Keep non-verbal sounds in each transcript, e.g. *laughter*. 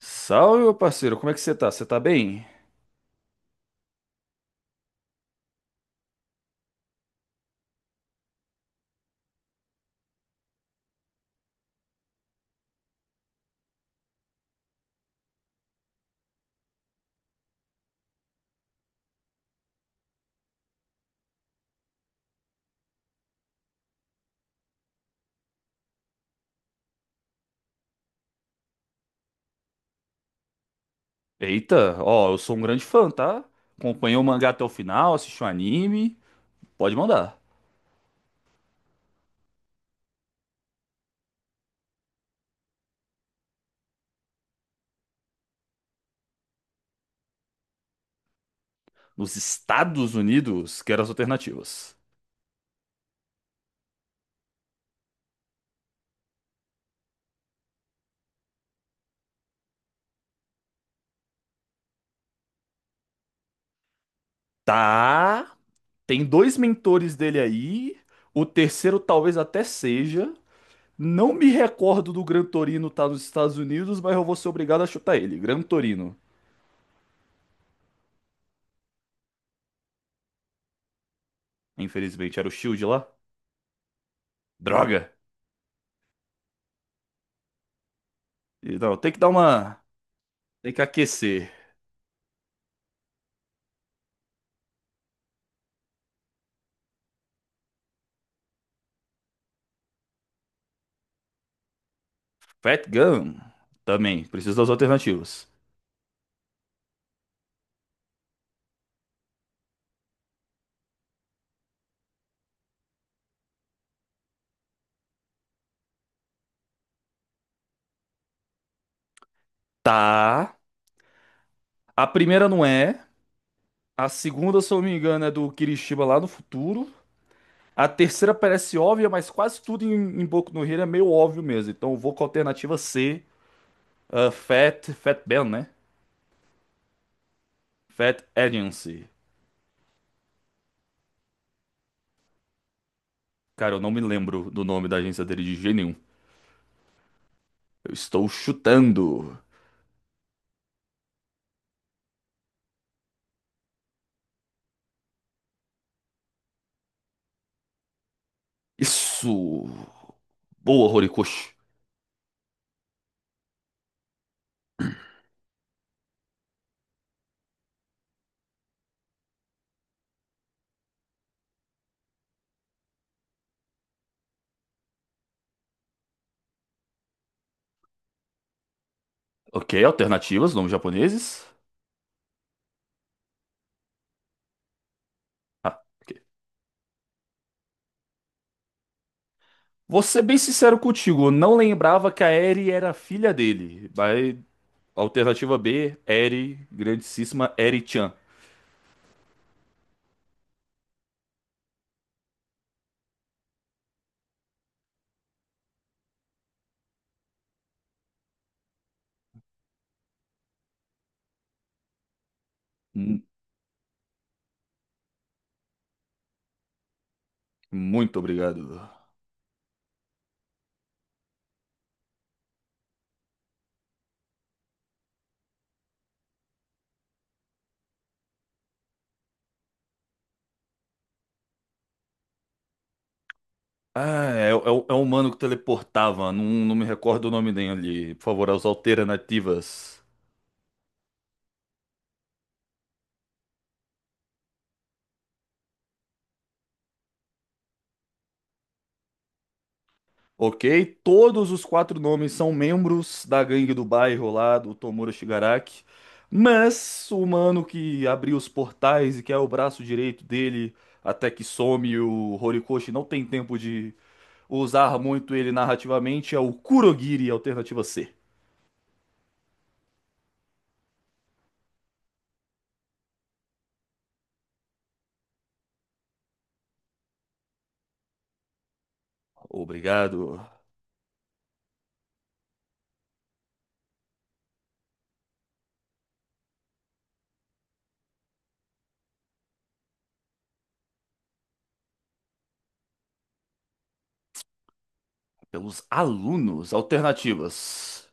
Salve, meu parceiro, como é que você tá? Você tá bem? Eita, ó, eu sou um grande fã, tá? Acompanhei o mangá até o final, assisti o anime. Pode mandar. Nos Estados Unidos, quero as alternativas. Tá, tem dois mentores dele aí. O terceiro talvez até seja. Não me recordo do Gran Torino tá nos Estados Unidos, mas eu vou ser obrigado a chutar ele. Gran Torino. Infelizmente, era o Shield lá. Droga! E não, tem que dar uma. Tem que aquecer. Fat Gun também, preciso das alternativas. Tá. A primeira não é. A segunda, se eu não me engano, é do Kirishima lá no futuro. A terceira parece óbvia, mas quase tudo em Boku no Hero é meio óbvio mesmo. Então eu vou com a alternativa C, ah, Fat Ben, né? Fat Agency. Cara, eu não me lembro do nome da agência dele de jeito nenhum. Eu estou chutando. Isso. Boa, Horikoshi. Ok, alternativas, nomes japoneses. Vou ser bem sincero contigo, eu não lembrava que a Eri era filha dele. Mas, alternativa B, Eri, grandíssima Eri-chan. Mu- Muito obrigado. É o humano que teleportava, não me recordo o nome dele. Por favor, as alternativas. Ok, todos os quatro nomes são membros da gangue do bairro lá do Tomura Shigaraki, mas o mano que abriu os portais e que é o braço direito dele até que some o Horikoshi não tem tempo de usar muito ele narrativamente é o Kurogiri, alternativa C. Obrigado pelos alunos, alternativas.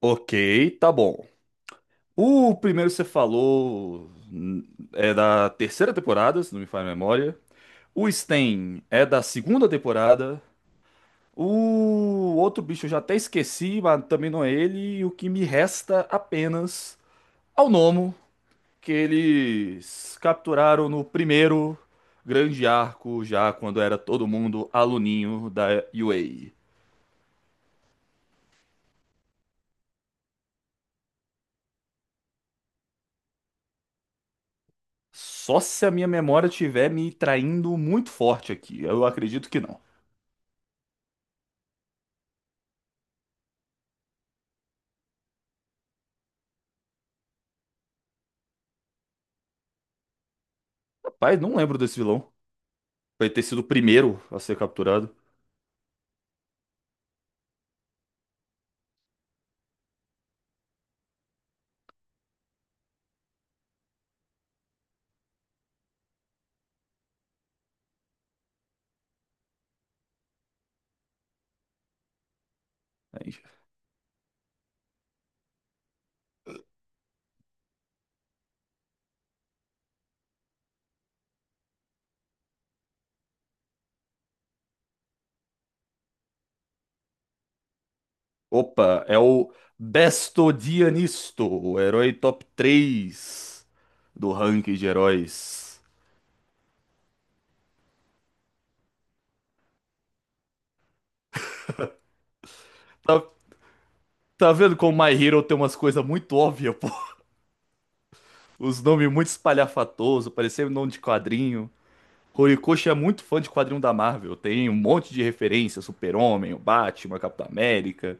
Ok, tá bom. O primeiro que você falou hum, é da terceira temporada, se não me falha a memória. O Stain é da segunda temporada. O outro bicho eu já até esqueci, mas também não é ele. E o que me resta apenas ao Nomo, que eles capturaram no primeiro grande arco, já quando era todo mundo aluninho da UA. Só se a minha memória estiver me traindo muito forte aqui. Eu acredito que não. Rapaz, não lembro desse vilão. Vai ter sido o primeiro a ser capturado. Aí, opa, é o Bestodianisto, o herói top 3 do ranking de heróis. Tá, tá vendo como My Hero tem umas coisas muito óbvias, pô? *laughs* Os nomes muito espalhafatosos, parecendo nome de quadrinho. Horikoshi é muito fã de quadrinho da Marvel, tem um monte de referência, Super-Homem, o Batman, Capitão América.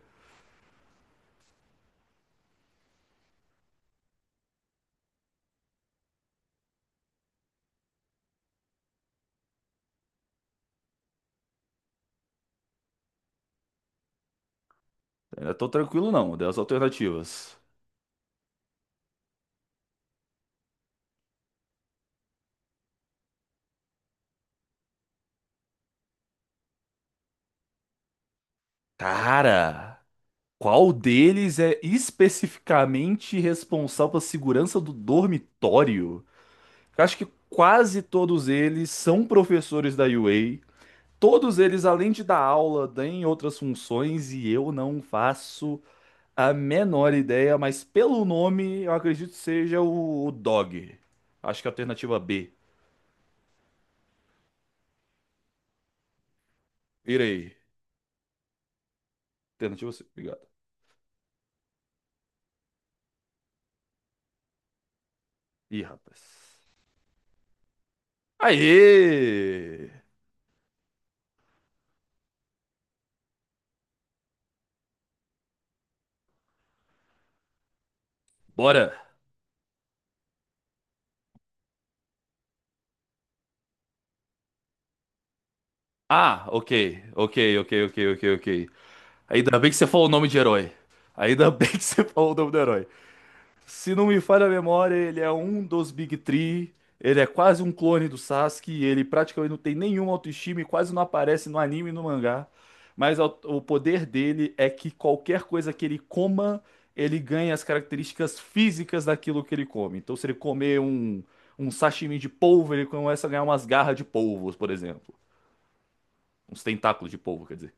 Eu não tô tranquilo não, das alternativas. Cara, qual deles é especificamente responsável pela segurança do dormitório? Eu acho que quase todos eles são professores da UA. Todos eles, além de dar aula, têm outras funções e eu não faço a menor ideia, mas pelo nome eu acredito que seja o Dog. Acho que é a alternativa B. Irei. Alternativa C. Obrigado. Ih, rapaz. Aê! Bora! Ah, ok, ok, ok, ok, ok, ok. Ainda bem que você falou o nome de herói. Ainda *laughs* bem que você falou o nome do herói. Se não me falha a memória, ele é um dos Big Three. Ele é quase um clone do Sasuke. Ele praticamente não tem nenhuma autoestima e quase não aparece no anime e no mangá. Mas o poder dele é que qualquer coisa que ele coma, ele ganha as características físicas daquilo que ele come. Então, se ele comer um sashimi de polvo, ele começa a ganhar umas garras de polvos, por exemplo. Uns tentáculos de polvo, quer dizer.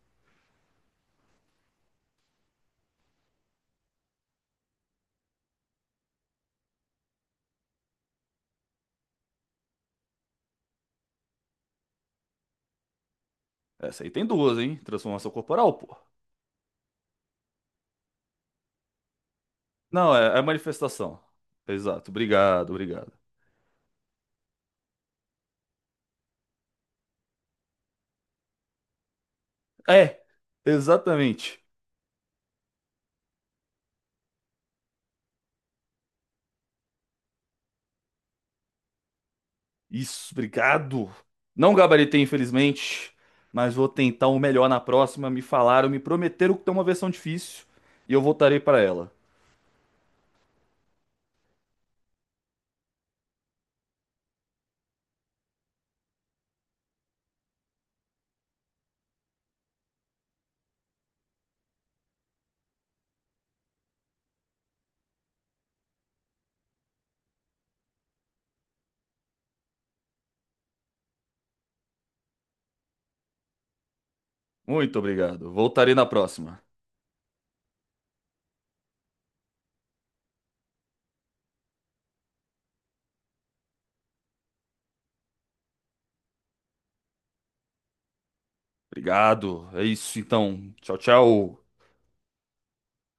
Essa aí tem duas, hein? Transformação corporal, pô. Não, é manifestação. Exato. Obrigado, obrigado. É, exatamente. Isso, obrigado. Não gabaritei, infelizmente, mas vou tentar o melhor na próxima. Me falaram, me prometeram que tem uma versão difícil e eu voltarei para ela. Muito obrigado. Voltarei na próxima. Obrigado. É isso então. Tchau, tchau.